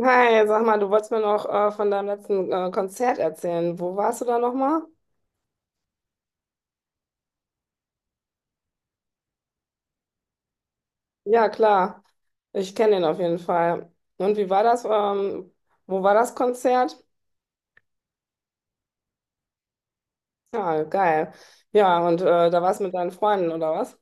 Hi, sag mal, du wolltest mir noch von deinem letzten Konzert erzählen. Wo warst du da nochmal? Ja, klar. Ich kenne ihn auf jeden Fall. Und wie war das? Wo war das Konzert? Ja, geil. Ja, und da warst du mit deinen Freunden, oder was?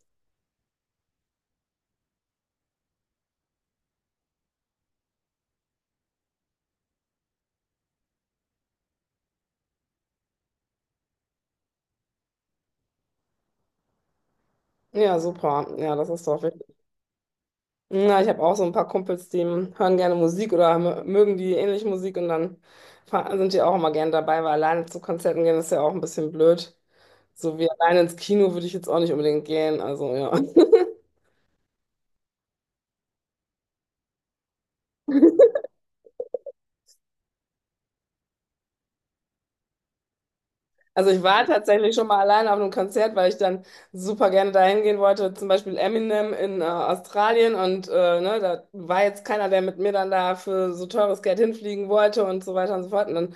Ja, super. Ja, das ist doch wichtig. Ja, ich habe auch so ein paar Kumpels, die hören gerne Musik oder mögen die ähnliche Musik und dann sind die auch immer gerne dabei, weil alleine zu Konzerten gehen ist ja auch ein bisschen blöd. So wie alleine ins Kino würde ich jetzt auch nicht unbedingt gehen. Also ja. Also ich war tatsächlich schon mal alleine auf einem Konzert, weil ich dann super gerne dahin gehen wollte, zum Beispiel Eminem in Australien und ne, da war jetzt keiner, der mit mir dann da für so teures Geld hinfliegen wollte und so weiter und so fort. Und dann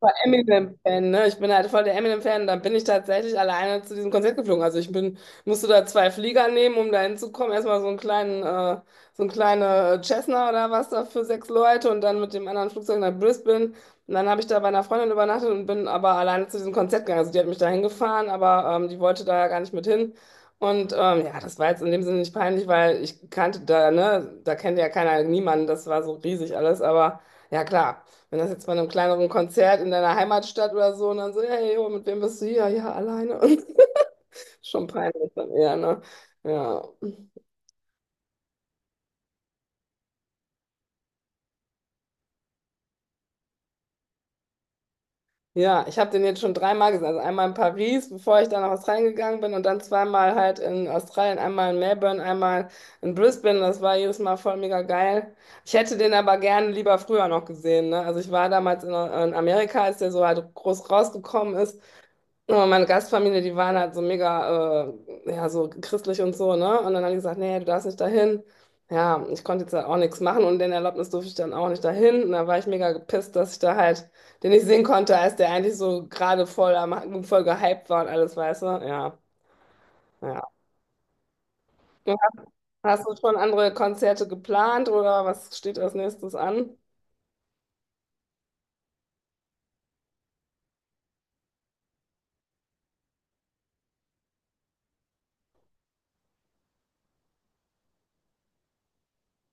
voll Eminem-Fan, ne? Ich bin halt voll der Eminem-Fan. Dann bin ich tatsächlich alleine zu diesem Konzert geflogen. Also ich bin, musste da zwei Flieger nehmen, um da hinzukommen. Erstmal so einen kleinen Cessna oder was da für sechs Leute und dann mit dem anderen Flugzeug nach Brisbane. Und dann habe ich da bei einer Freundin übernachtet und bin aber alleine zu diesem Konzert gegangen. Also die hat mich da hingefahren, aber die wollte da ja gar nicht mit hin. Und ja, das war jetzt in dem Sinne nicht peinlich, weil ich kannte da, ne, da kennt ja keiner niemanden. Das war so riesig alles, aber ja klar. Wenn das jetzt bei einem kleineren Konzert in deiner Heimatstadt oder so und dann so, hey, jo, mit wem bist du hier? Ja, alleine. Schon peinlich dann eher, ne? Ja. Ja, ich habe den jetzt schon dreimal gesehen. Also einmal in Paris, bevor ich dann nach Australien gegangen bin und dann zweimal halt in Australien, einmal in Melbourne, einmal in Brisbane. Das war jedes Mal voll mega geil. Ich hätte den aber gerne lieber früher noch gesehen, ne? Also ich war damals in Amerika, als der so halt groß rausgekommen ist. Ja, meine Gastfamilie, die waren halt so mega, ja, so christlich und so, ne? Und dann haben die gesagt, nee, du darfst nicht dahin. Ja, ich konnte jetzt halt auch nichts machen und den Erlaubnis durfte ich dann auch nicht dahin. Und da war ich mega gepisst, dass ich da halt den nicht sehen konnte, als der eigentlich so gerade voll, voll gehypt war und alles, weißt du? Ja, ja. Und hast du schon andere Konzerte geplant oder was steht als nächstes an?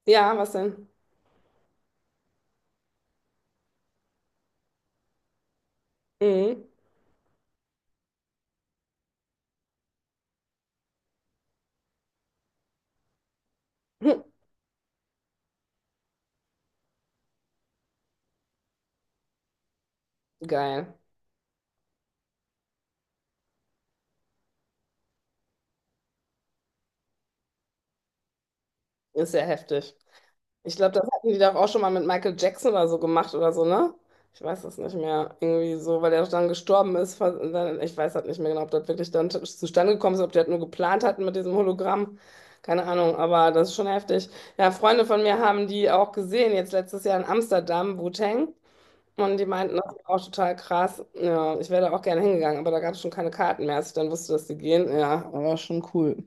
Ja, was denn? Mhm. Hm, geil. Ist ja heftig. Ich glaube, das hatten die doch auch schon mal mit Michael Jackson oder so gemacht oder so, ne? Ich weiß es nicht mehr. Irgendwie so, weil er dann gestorben ist. Ich weiß halt nicht mehr genau, ob das wirklich dann zustande gekommen ist, ob die das nur geplant hatten mit diesem Hologramm. Keine Ahnung, aber das ist schon heftig. Ja, Freunde von mir haben die auch gesehen, jetzt letztes Jahr in Amsterdam, Wu-Tang. Und die meinten, das ist auch total krass. Ja, ich wäre da auch gerne hingegangen, aber da gab es schon keine Karten mehr, als ich dann wusste, dass die gehen. Ja, war schon cool.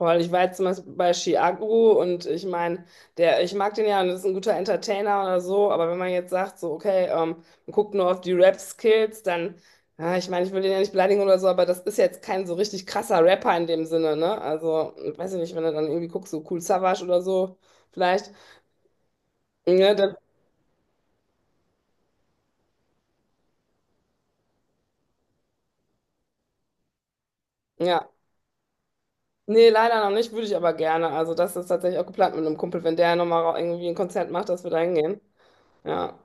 Weil ich war jetzt zum Beispiel bei Chiago und ich meine, der, ich mag den ja und das ist ein guter Entertainer oder so, aber wenn man jetzt sagt, so, okay, man guckt nur auf die Rap-Skills, dann, ja, ich meine, ich will den ja nicht beleidigen oder so, aber das ist jetzt kein so richtig krasser Rapper in dem Sinne, ne? Also, weiß ich nicht, wenn du dann irgendwie guckst, so Kool Savas oder so, vielleicht, ne, dann, ja. Nee, leider noch nicht, würde ich aber gerne. Also, das ist tatsächlich auch geplant mit einem Kumpel, wenn der nochmal irgendwie ein Konzert macht, dass wir da hingehen. Ja.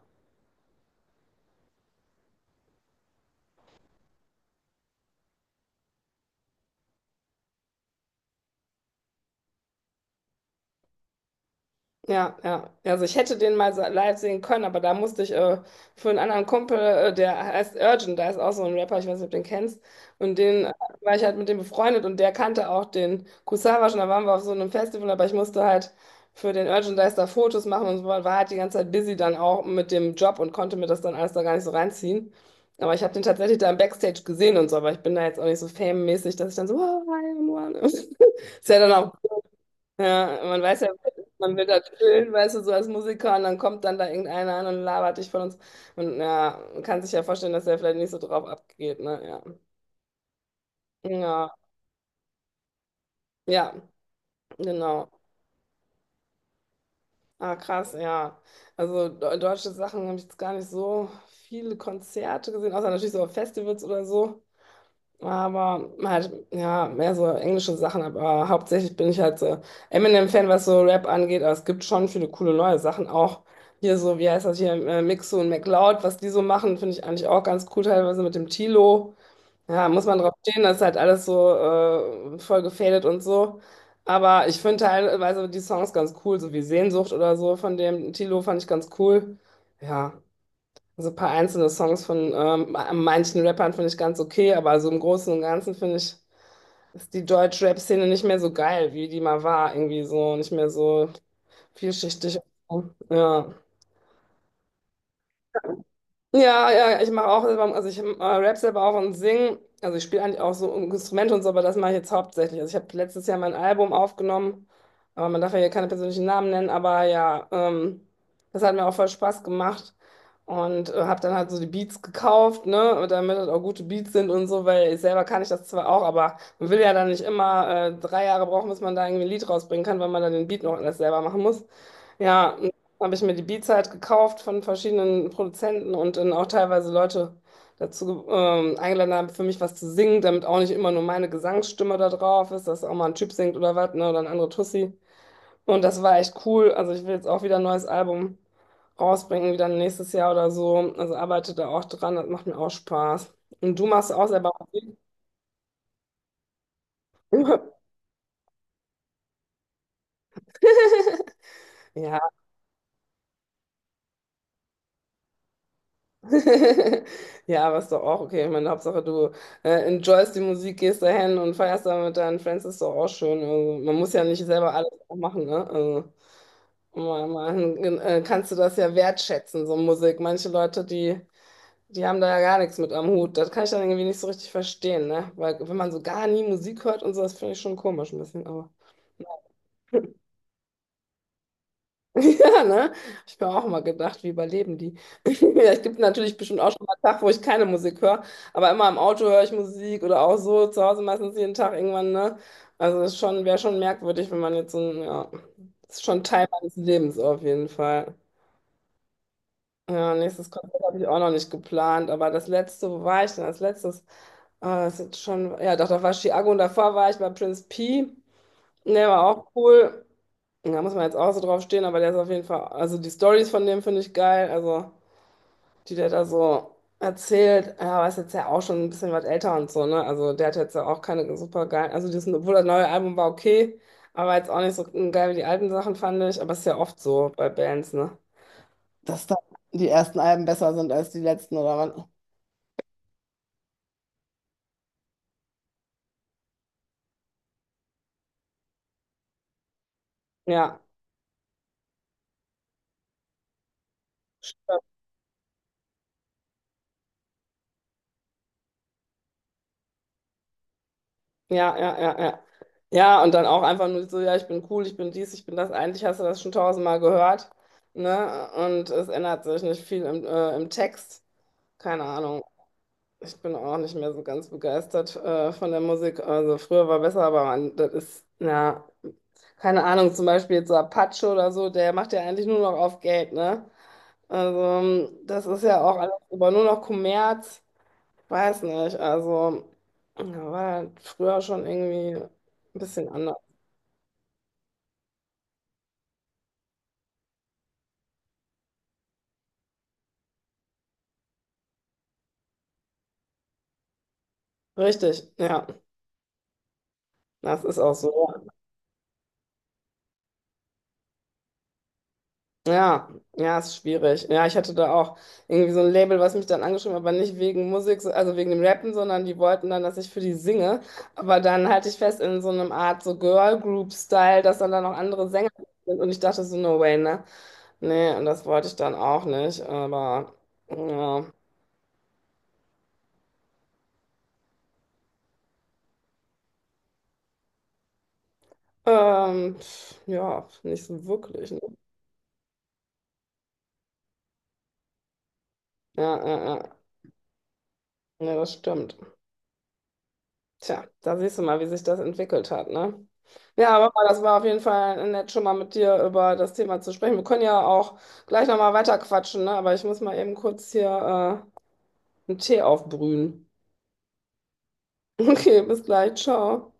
Ja, ja. Also ich hätte den mal so live sehen können, aber da musste ich für einen anderen Kumpel, der heißt Urgent, da ist auch so ein Rapper, ich weiß nicht, ob du den kennst. Und den war ich halt mit dem befreundet und der kannte auch den Kusawa schon, da waren wir auf so einem Festival, aber ich musste halt für den Urgent Dice da Fotos machen und so, war halt die ganze Zeit busy dann auch mit dem Job und konnte mir das dann alles da gar nicht so reinziehen. Aber ich habe den tatsächlich da im Backstage gesehen und so, aber ich bin da jetzt auch nicht so fame-mäßig, dass ich dann so, oh, hi, und one. Ist ja dann auch ja, man weiß ja, man will da chillen, weißt du, so als Musiker und dann kommt dann da irgendeiner an und labert dich von uns. Und ja, man kann sich ja vorstellen, dass der vielleicht nicht so drauf abgeht, ne? Ja. Ja, ja, genau. Ah, krass, ja. Also deutsche Sachen habe ich jetzt gar nicht so viele Konzerte gesehen, außer natürlich so auf Festivals oder so. Aber halt, ja, mehr so englische Sachen, aber hauptsächlich bin ich halt so Eminem-Fan, was so Rap angeht, aber es gibt schon viele coole neue Sachen auch. Hier so, wie heißt das hier, Mixo und McLeod, was die so machen, finde ich eigentlich auch ganz cool, teilweise mit dem Tilo. Ja, muss man drauf stehen, das ist halt alles so voll gefadet und so. Aber ich finde teilweise die Songs ganz cool, so wie Sehnsucht oder so von dem Tilo fand ich ganz cool. Ja. Also ein paar einzelne Songs von manchen Rappern finde ich ganz okay, aber so im Großen und Ganzen finde ich, ist die Deutsch-Rap-Szene nicht mehr so geil, wie die mal war. Irgendwie so, nicht mehr so vielschichtig. Ja. Ja, ja, ich mache auch selber, also ich rap selber auch und sing. Also ich spiele eigentlich auch so Instrumente und so, aber das mache ich jetzt hauptsächlich. Also ich habe letztes Jahr mein Album aufgenommen, aber man darf ja hier keine persönlichen Namen nennen, aber ja, das hat mir auch voll Spaß gemacht und habe dann halt so die Beats gekauft, ne, damit das auch gute Beats sind und so, weil ich selber kann ich das zwar auch, aber man will ja dann nicht immer 3 Jahre brauchen, bis man da irgendwie ein Lied rausbringen kann, weil man dann den Beat noch alles selber machen muss. Ja, habe ich mir die Beats halt gekauft von verschiedenen Produzenten und dann auch teilweise Leute dazu eingeladen haben, für mich was zu singen, damit auch nicht immer nur meine Gesangsstimme da drauf ist, dass auch mal ein Typ singt oder was, ne, oder ein anderer Tussi. Und das war echt cool. Also ich will jetzt auch wieder ein neues Album rausbringen, wieder nächstes Jahr oder so. Also arbeite da auch dran, das macht mir auch Spaß. Und du machst auch selber Musik? Ja. Ja, aber ist doch auch okay. Ich meine, Hauptsache du enjoyst die Musik, gehst dahin und feierst da mit deinen Friends, ist doch auch schön. Also, man muss ja nicht selber alles auch machen, ne? Also, kannst du das ja wertschätzen, so Musik. Manche Leute, die haben da ja gar nichts mit am Hut. Das kann ich dann irgendwie nicht so richtig verstehen, ne? Weil wenn man so gar nie Musik hört und so, das finde ich schon komisch ein bisschen, Ja, ne? Ich mir auch mal gedacht, wie überleben die? Ja, Es gibt natürlich bestimmt auch schon mal einen Tag, wo ich keine Musik höre, aber immer im Auto höre ich Musik oder auch so zu Hause meistens jeden Tag irgendwann, ne? Also es ist schon, wäre schon merkwürdig, wenn man jetzt so ein, ja, das ist schon Teil meines Lebens auf jeden Fall. Ja, nächstes Konzert habe ich auch noch nicht geplant, aber das letzte, wo war ich denn als letztes? Ah, das ist jetzt schon, ja, doch, da war Chiago und davor war ich bei Prince P. Der war auch cool. Da muss man jetzt auch so drauf stehen, aber der ist auf jeden Fall, also die Stories von dem finde ich geil, also die der da so erzählt, ja, aber ist jetzt ja auch schon ein bisschen was älter und so, ne? Also der hat jetzt ja auch keine super geil, also das, obwohl das neue Album war okay, aber jetzt auch nicht so geil wie die alten Sachen fand ich, aber ist ja oft so bei Bands, ne? Dass da die ersten Alben besser sind als die letzten, oder was? Ja. Ja, ja, ja, ja. Ja, und dann auch einfach nur so, ja, ich bin cool, ich bin dies, ich bin das. Eigentlich hast du das schon tausendmal gehört, ne? Und es ändert sich nicht viel im Text. Keine Ahnung. Ich bin auch nicht mehr so ganz begeistert von der Musik. Also früher war besser, aber man, das ist, ja, keine Ahnung, zum Beispiel jetzt so Apache oder so, der macht ja eigentlich nur noch auf Geld, ne? Also das ist ja auch alles über nur noch Kommerz. Weiß nicht, also ja, war halt früher schon irgendwie ein bisschen anders. Richtig, ja, das ist auch so. Ja, ja, ist schwierig. Ja, ich hatte da auch irgendwie so ein Label, was mich dann angeschrieben hat, aber nicht wegen Musik, so- also wegen dem Rappen, sondern die wollten dann, dass ich für die singe. Aber dann halte ich fest in so einem Art so Girl Group Style, dass dann da noch andere Sänger sind und ich dachte so, no way, ne? Nee, und das wollte ich dann auch nicht, aber ja, pf, ja, nicht so wirklich. Ne? Ja, ja, ja. Ja, das stimmt. Tja, da siehst du mal, wie sich das entwickelt hat, ne? Ja, aber das war auf jeden Fall nett, schon mal mit dir über das Thema zu sprechen. Wir können ja auch gleich nochmal weiter quatschen, ne? Aber ich muss mal eben kurz hier einen Tee aufbrühen. Okay, bis gleich, ciao.